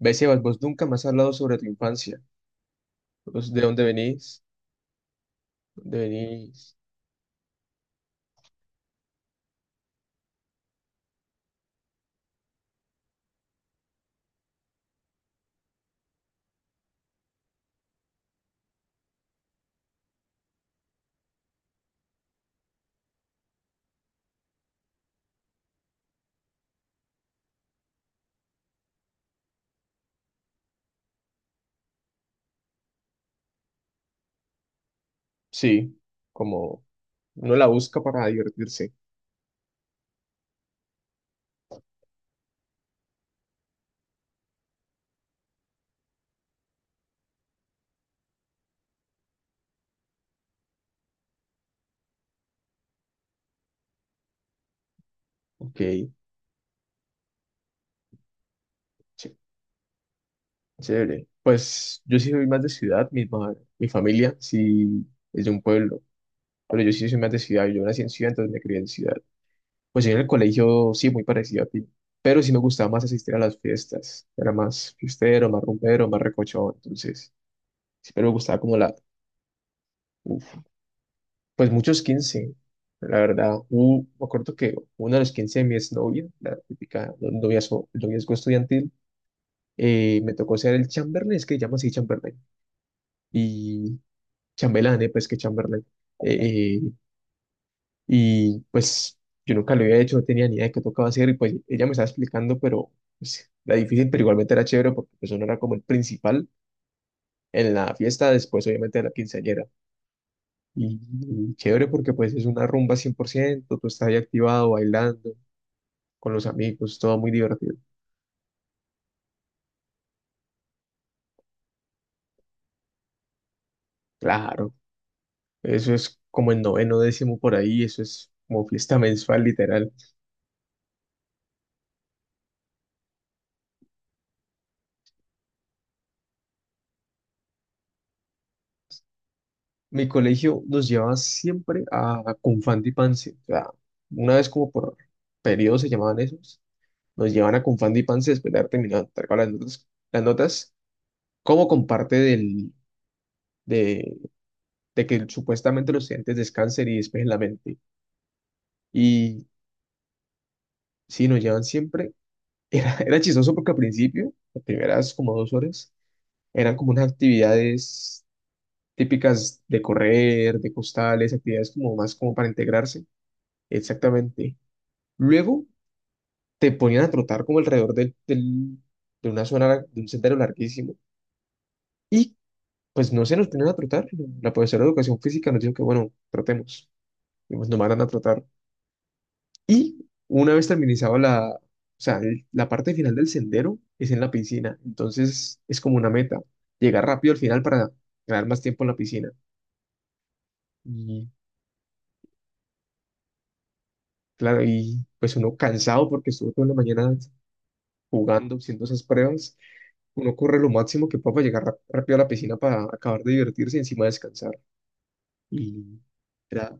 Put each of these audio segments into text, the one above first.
Ve, Sebas, vos nunca me has hablado sobre tu infancia. Vos, ¿de dónde venís? ¿De venís? Sí, como uno la busca para divertirse. Ok, ché- chévere. Pues yo sí soy más de ciudad, mi familia sí es de un pueblo, pero yo sí soy más de ciudad. Yo nací en ciudad, entonces me crié en ciudad. Pues yo en el colegio sí, muy parecido a ti, pero sí me gustaba más asistir a las fiestas. Era más fiestero, más rumbero, más recochón, entonces siempre me gustaba como la... Uf, pues muchos 15 la verdad. Me acuerdo que uno de los 15 de mi exnovia, la típica noviazgo, noviazgo estudiantil, me tocó ser el chamberlain, es que llaman así chamberlain, y chambelán, pues que chamberlain. Eh, eh, y pues yo nunca lo había hecho, no tenía ni idea de qué tocaba hacer, y pues ella me estaba explicando, pero pues, era difícil, pero igualmente era chévere porque pues uno era como el principal en la fiesta, después obviamente de la quinceañera. Y, y chévere porque pues es una rumba cien por ciento, tú estás ahí activado, bailando con los amigos, todo muy divertido. Claro, eso es como en noveno, décimo por ahí, eso es como fiesta mensual, literal. Mi colegio nos llevaba siempre a Confandi y pance, o sea, una vez como por periodo se llamaban esos, nos llevan a Confandi y pance después de haber terminado de entregar las notas, las notas, como con de, de que supuestamente los estudiantes descansen y despejen la mente. Y sí, nos llevan siempre. Era chistoso porque al principio, las primeras como dos horas, eran como unas actividades típicas de correr, de costales, actividades como más como para integrarse. Exactamente. Luego te ponían a trotar como alrededor de una zona, de un sendero larguísimo. Y pues no se nos ponían a trotar. La profesora de educación física nos dijo que, bueno, trotemos. Y pues nos mandan a trotar. Y una vez terminizado la, o sea, la parte final del sendero es en la piscina. Entonces es como una meta, llegar rápido al final para ganar más tiempo en la piscina. Claro, y pues uno cansado porque estuvo toda la mañana jugando, haciendo esas pruebas, uno corre lo máximo que pueda para llegar rápido a la piscina para acabar de divertirse y encima descansar. Y era,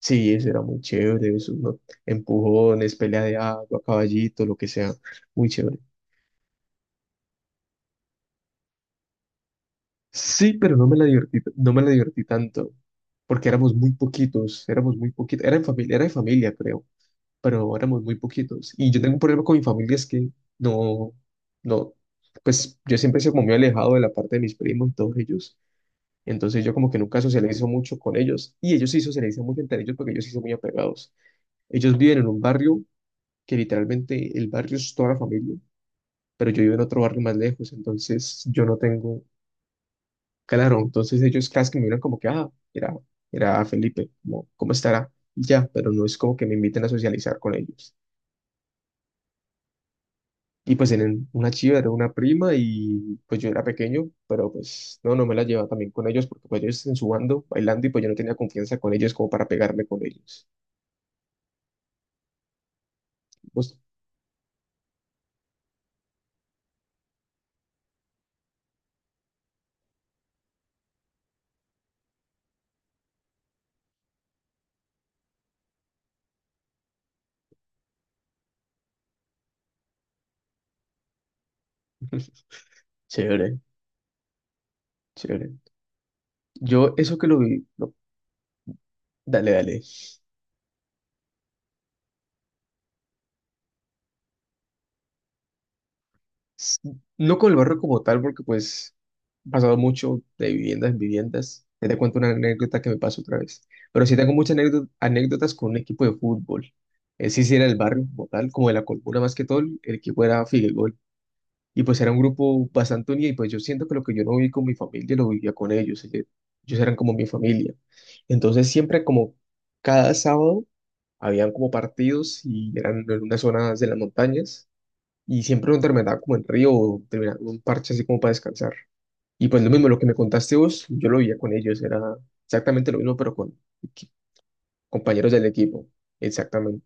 sí, eso era muy chévere, eso, ¿no? Empujones, pelea de agua, caballito, lo que sea, muy chévere. Sí, pero no me la divertí, no me la divertí tanto, porque éramos muy poquitos, era en familia, era de familia, creo. Pero éramos muy poquitos. Y yo tengo un problema con mi familia, es que no, no, pues yo siempre se como muy alejado de la parte de mis primos y todos ellos. Entonces yo como que nunca socializo mucho con ellos y ellos sí socializan mucho entre ellos porque ellos sí son muy apegados. Ellos viven en un barrio que literalmente el barrio es toda la familia, pero yo vivo en otro barrio más lejos, entonces yo no tengo, claro, entonces ellos casi que me miran como que, ah, era Felipe, ¿cómo, cómo estará? Y ya, pero no es como que me inviten a socializar con ellos. Y pues tienen una chiva, era una prima y pues yo era pequeño, pero pues no, no me la llevaba también con ellos porque pues ellos en su bando bailando y pues yo no tenía confianza con ellos como para pegarme con ellos. Pues, chévere, chévere. Yo eso que lo vi, no, dale, dale. S- No con el barrio como tal porque pues he pasado mucho de viviendas en viviendas. Ya te cuento una anécdota que me pasó otra vez. Pero sí tengo muchas anécdotas con un equipo de fútbol. Ese sí era el barrio como tal, como de la Colmuna más que todo, el equipo era Figueroa. Y pues era un grupo bastante unido y pues yo siento que lo que yo no viví con mi familia lo vivía con ellos. Ellos eran como mi familia. Entonces siempre como cada sábado habían como partidos y eran en unas zonas de las montañas y siempre uno terminaba como en río o terminaba en un parche así como para descansar. Y pues lo mismo, lo que me contaste vos, yo lo vivía con ellos. Era exactamente lo mismo pero con compañeros del equipo. Exactamente.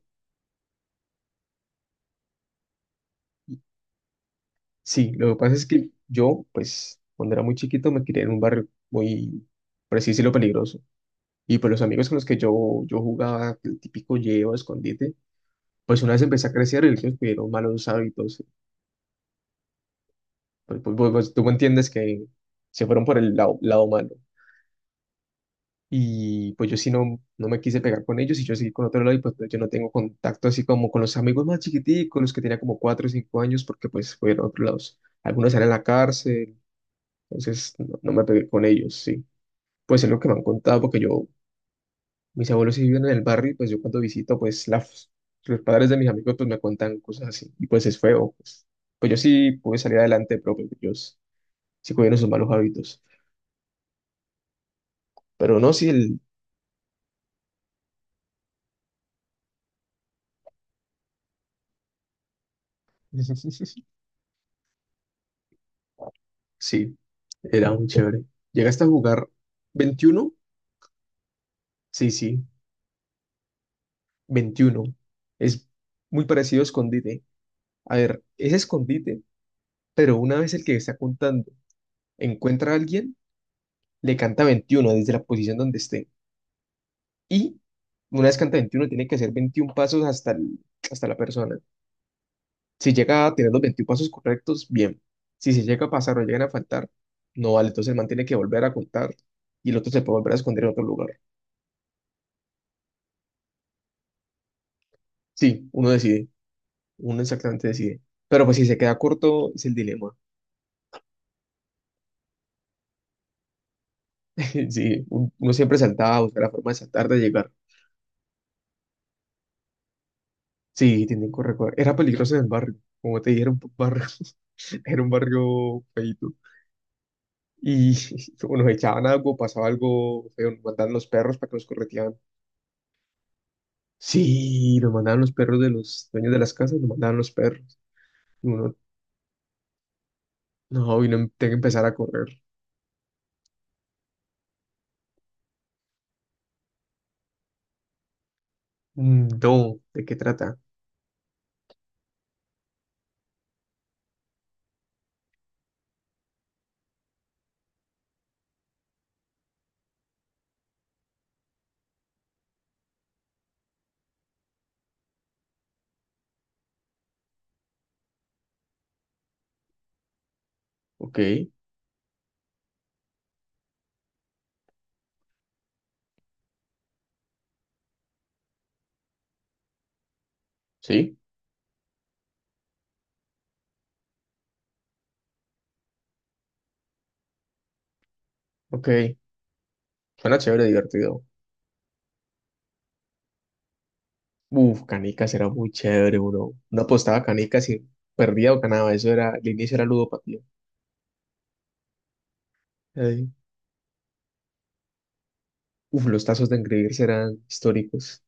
Sí, lo que pasa es que yo, pues, cuando era muy chiquito me crié en un barrio muy preciso y lo peligroso. Y pues los amigos con los que yo jugaba, el típico llevo, escondite, pues una vez empecé a crecer y ellos me dieron malos hábitos. Pues, tú me entiendes que se fueron por el lado, lado malo. Y pues yo sí no, no me quise pegar con ellos y yo seguí con otro lado y pues yo no tengo contacto así como con los amigos más chiquiticos, los que tenía como cuatro o cinco años, porque pues fueron a otros lados. Algunos eran en la cárcel, entonces no, no me pegué con ellos, sí. Pues es lo que me han contado, porque yo, mis abuelos sí viven en el barrio, y pues yo cuando visito, pues los padres de mis amigos pues me cuentan cosas así, y pues es feo, pues, pues yo sí pude salir adelante, pero pues ellos sí cogieron sus malos hábitos, pero no, sí, el, sí, era muy chévere. ¿Llegaste a jugar veintiuno? Sí, sí, veintiuno. Es muy parecido a escondite. A ver, es escondite, pero una vez el que está contando encuentra a alguien, le canta 21 desde la posición donde esté. Y una descanta 21 tiene que hacer 21 pasos hasta, hasta la persona. Si llega a tener los 21 pasos correctos, bien. Si se llega a pasar o llegan a faltar, no vale. Entonces el man tiene que volver a contar y el otro se puede volver a esconder en otro lugar. Sí, uno decide, uno exactamente decide. Pero pues si se queda corto, es el dilema. Sí, uno siempre saltaba, buscar la forma de saltar, de llegar. Sí, tienen que recordar. Era peligroso en el barrio, como te dije, era un barrio, era un barrio feito. Y o nos echaban algo, pasaba algo feo, nos mandaban los perros para que nos correteaban. Sí, nos mandaban los perros de los dueños de las casas, nos mandaban los perros. Y uno, no, y no tiene que empezar a correr. Mm, no, ¿de qué trata? Ok, sí, ok. Suena chévere, divertido. Uf, canicas era muy chévere, uno. No apostaba canicas y perdía o ganaba. Eso era, el inicio era ludopatía. Ay, uf, los tazos de engreírse eran históricos.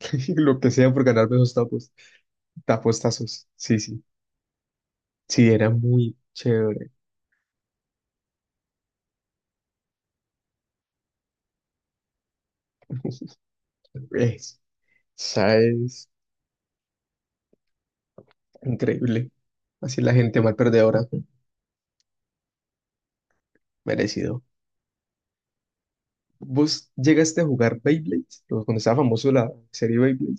Lo que sea por ganarme esos tapos, tapos tazos. Sí, sí. Sí, era muy chévere. Es, ¿sabes? Increíble. Así la gente mal perdedora. Merecido. ¿Vos llegaste a jugar Beyblade? Pues cuando estaba famoso la serie Beyblade.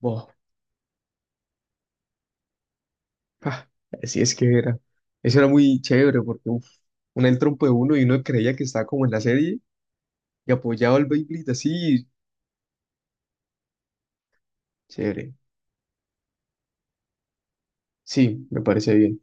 Wow. Ah, así es que era. Eso era muy chévere porque uf, uno el trompo de uno y uno creía que estaba como en la serie y apoyaba al Beyblade así. Chévere. Sí, me parece bien.